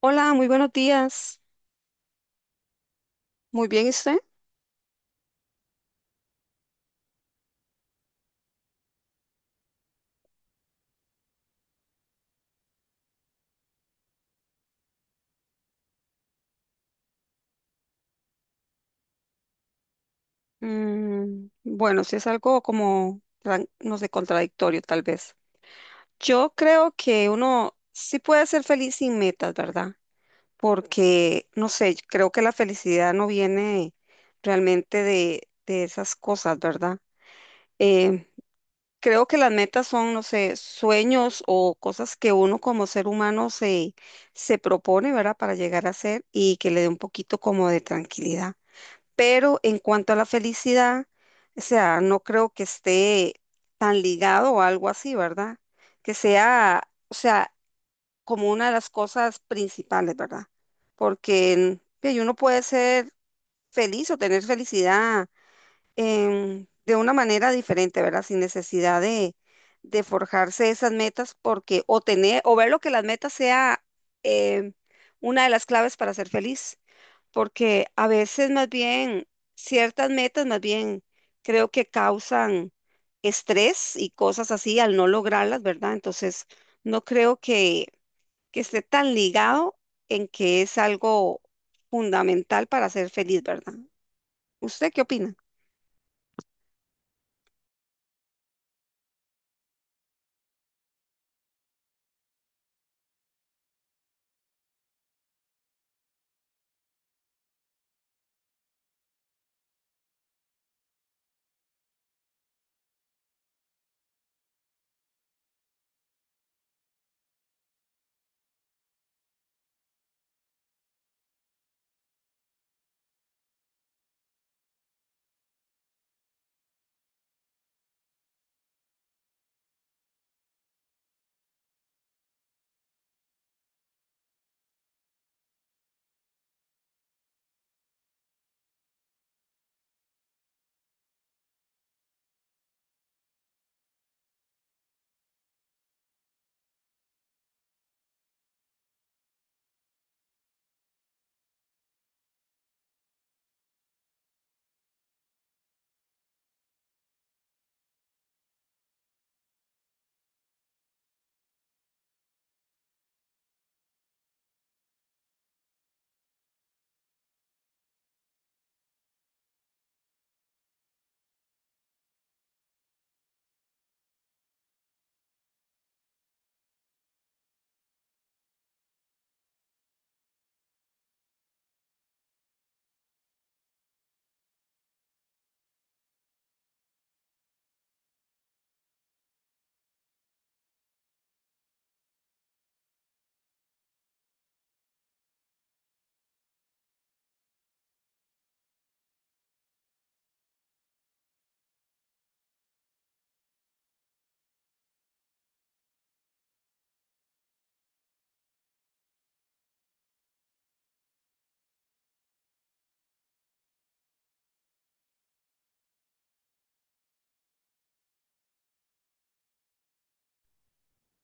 Hola, muy buenos días. Muy bien, ¿y usted? Mm, bueno, si es algo como, no sé, contradictorio tal vez. Yo creo que uno sí puede ser feliz sin metas, ¿verdad? Porque, no sé, yo creo que la felicidad no viene realmente de esas cosas, ¿verdad? Eh, Creo que las metas son, no sé, sueños o cosas que uno como ser humano se propone, ¿verdad? Para llegar a ser y que le dé un poquito como de tranquilidad. Pero en cuanto a la felicidad, o sea, no creo que esté tan ligado o algo así, ¿verdad? Que sea, o sea, como una de las cosas principales, ¿verdad? Porque que uno puede ser feliz o tener felicidad de una manera diferente, ¿verdad? Sin necesidad de forjarse esas metas, porque o tener, o ver lo que las metas sea em, una de las claves para ser feliz, porque a veces más bien ciertas metas más bien creo que causan estrés y cosas así al no lograrlas, ¿verdad? Entonces, no creo que esté tan ligado en que es algo fundamental para ser feliz, ¿verdad? ¿Usted qué opina?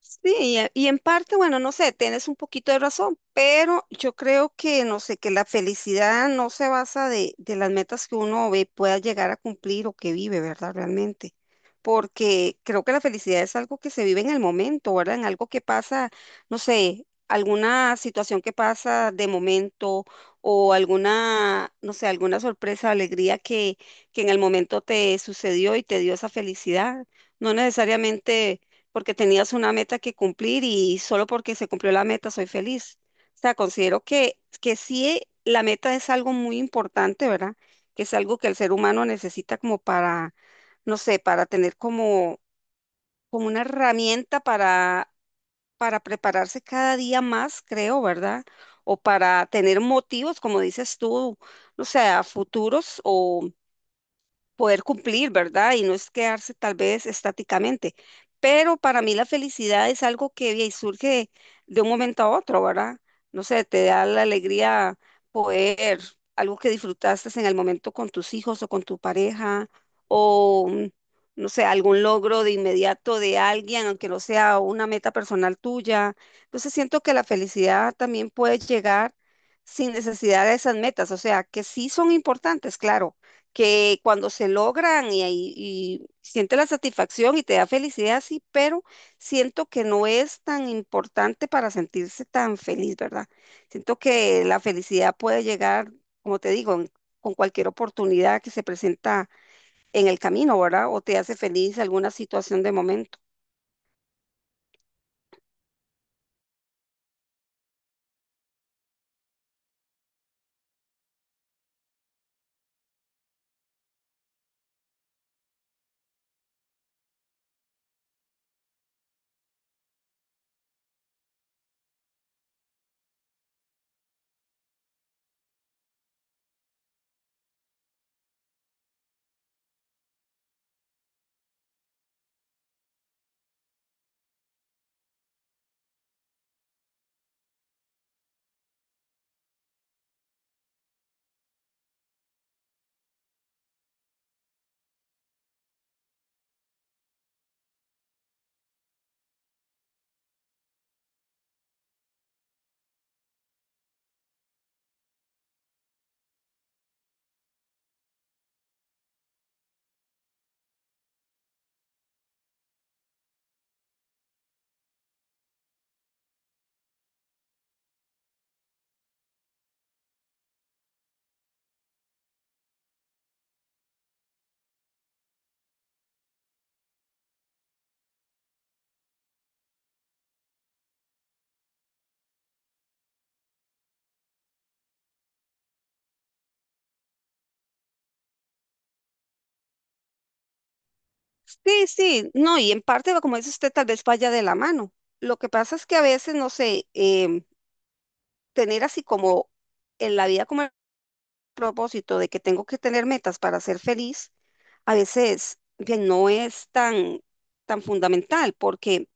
Sí, y y en parte, bueno, no sé, tienes un poquito de razón, pero yo creo que, no sé, que la felicidad no se basa de las metas que uno ve, pueda llegar a cumplir o que vive, ¿verdad? Realmente. Porque creo que la felicidad es algo que se vive en el momento, ¿verdad? En algo que pasa, no sé, alguna situación que pasa de momento o alguna, no sé, alguna sorpresa, alegría que en el momento te sucedió y te dio esa felicidad. No necesariamente porque tenías una meta que cumplir y solo porque se cumplió la meta soy feliz. O sea, considero que sí la meta es algo muy importante, ¿verdad? Que es algo que el ser humano necesita como para, no sé, para tener como, como una herramienta para prepararse cada día más, creo, ¿verdad? O para tener motivos, como dices tú, no sé, a futuros o poder cumplir, ¿verdad? Y no es quedarse tal vez estáticamente. Pero para mí la felicidad es algo que y surge de un momento a otro, ¿verdad? No sé, te da la alegría poder, algo que disfrutaste en el momento con tus hijos o con tu pareja, o mm, no sé, algún logro de inmediato de alguien, aunque no sea una meta personal tuya. Entonces siento que la felicidad también puede llegar sin necesidad de esas metas, o sea, que sí son importantes, claro que cuando se logran y siente la satisfacción y te da felicidad, sí, pero siento que no es tan importante para sentirse tan feliz, ¿verdad? Siento que la felicidad puede llegar, como te digo, con cualquier oportunidad que se presenta en el camino, ¿verdad? O te hace feliz alguna situación de momento. Sí, sí, no, y en parte, va, como dice usted, tal vez vaya de la mano. Lo que pasa es que a veces, no sé, tener así como en la vida como propósito de que tengo que tener metas para ser feliz, a veces bien, no es tan, tan fundamental, porque,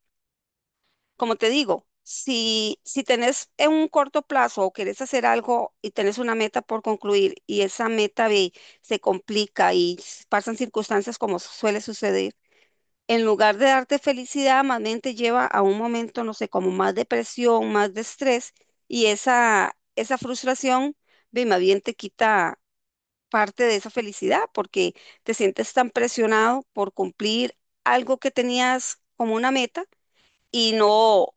como te digo, si tenés en un corto plazo o querés hacer algo y tenés una meta por concluir y esa meta ve, se complica y pasan circunstancias como suele suceder, en lugar de darte felicidad, más bien te lleva a un momento, no sé, como más depresión, más de estrés y esa frustración, ve, más bien te quita parte de esa felicidad porque te sientes tan presionado por cumplir algo que tenías como una meta y no,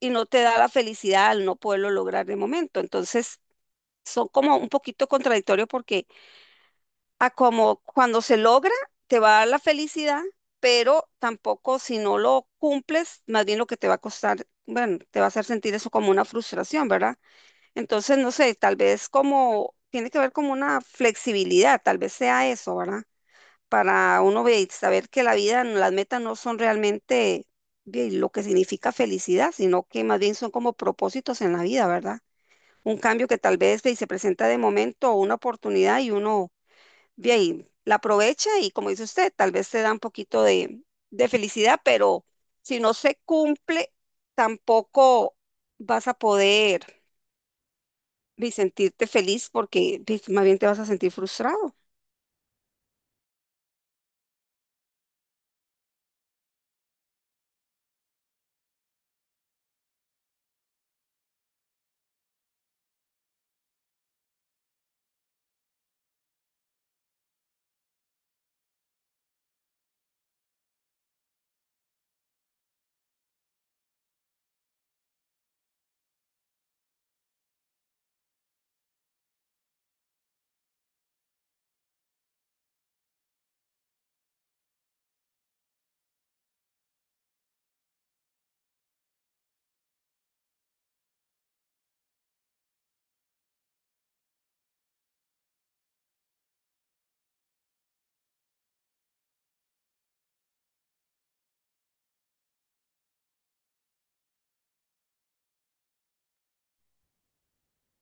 y no te da la felicidad al no poderlo lograr de momento. Entonces, son como un poquito contradictorios porque a como cuando se logra, te va a dar la felicidad, pero tampoco si no lo cumples, más bien lo que te va a costar, bueno, te va a hacer sentir eso como una frustración, ¿verdad? Entonces, no sé, tal vez como tiene que ver como una flexibilidad, tal vez sea eso, ¿verdad? Para uno saber que la vida, las metas no son realmente ve, lo que significa felicidad, sino que más bien son como propósitos en la vida, ¿verdad? Un cambio que tal vez ve, se presenta de momento o una oportunidad y uno ve ahí, la aprovecha y como dice usted, tal vez te da un poquito de felicidad, pero si no se cumple, tampoco vas a poder ve, sentirte feliz porque ve, más bien te vas a sentir frustrado.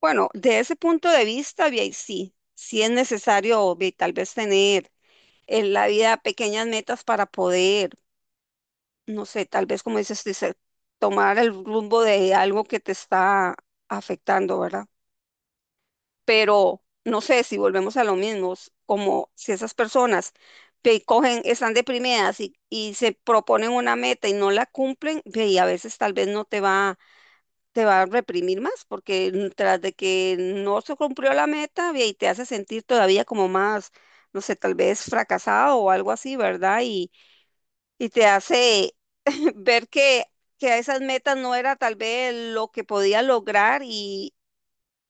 Bueno, de ese punto de vista, vi ahí sí, sí es necesario vi, tal vez tener en la vida pequeñas metas para poder, no sé, tal vez como dice, tomar el rumbo de algo que te está afectando, ¿verdad? Pero no sé si volvemos a lo mismo, como si esas personas que cogen, están deprimidas y se proponen una meta y no la cumplen, ve, y a veces tal vez no te va te va a reprimir más, porque tras de que no se cumplió la meta, ve, y te hace sentir todavía como más, no sé, tal vez fracasado o algo así, ¿verdad? Y te hace ver que esas metas no era tal vez lo que podía lograr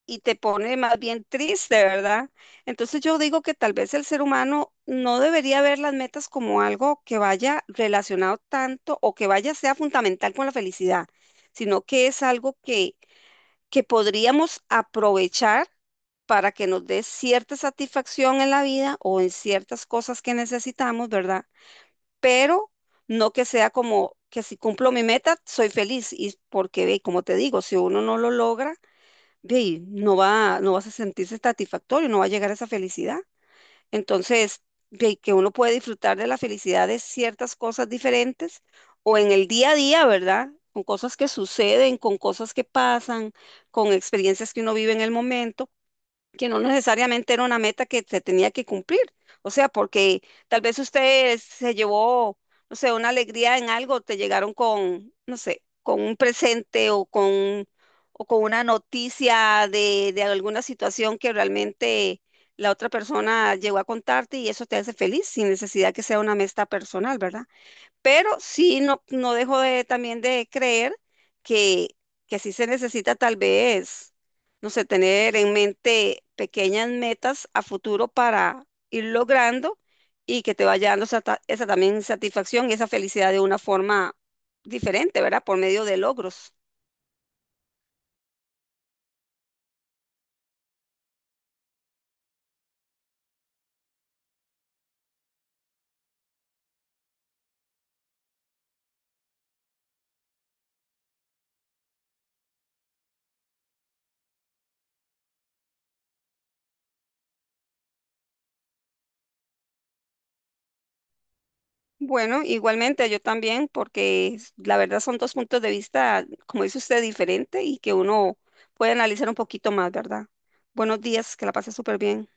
y te pone más bien triste, ¿verdad? Entonces yo digo que tal vez el ser humano no debería ver las metas como algo que vaya relacionado tanto o que vaya sea fundamental con la felicidad, sino que es algo que podríamos aprovechar para que nos dé cierta satisfacción en la vida o en ciertas cosas que necesitamos, ¿verdad? Pero no que sea como que si cumplo mi meta, soy feliz. Y porque, ve, como te digo, si uno no lo logra, ve, no vas a sentirse satisfactorio, no va a llegar a esa felicidad. Entonces, de que uno puede disfrutar de la felicidad de ciertas cosas diferentes o en el día a día, ¿verdad? Con cosas que suceden, con cosas que pasan, con experiencias que uno vive en el momento que no necesariamente era una meta que se tenía que cumplir. O sea, porque tal vez usted se llevó, no sé, una alegría en algo, te llegaron con, no sé, con un presente o con una noticia de alguna situación que realmente la otra persona llegó a contarte y eso te hace feliz sin necesidad que sea una meta personal, ¿verdad? Pero sí no dejo de, también de creer que, que sí se necesita tal vez, no sé, tener en mente pequeñas metas a futuro para ir logrando y que te vaya dando esa también satisfacción y esa felicidad de una forma diferente, ¿verdad? Por medio de logros. Bueno, igualmente yo también, porque la verdad son dos puntos de vista, como dice usted, diferente y que uno puede analizar un poquito más, ¿verdad? Buenos días, que la pase súper bien.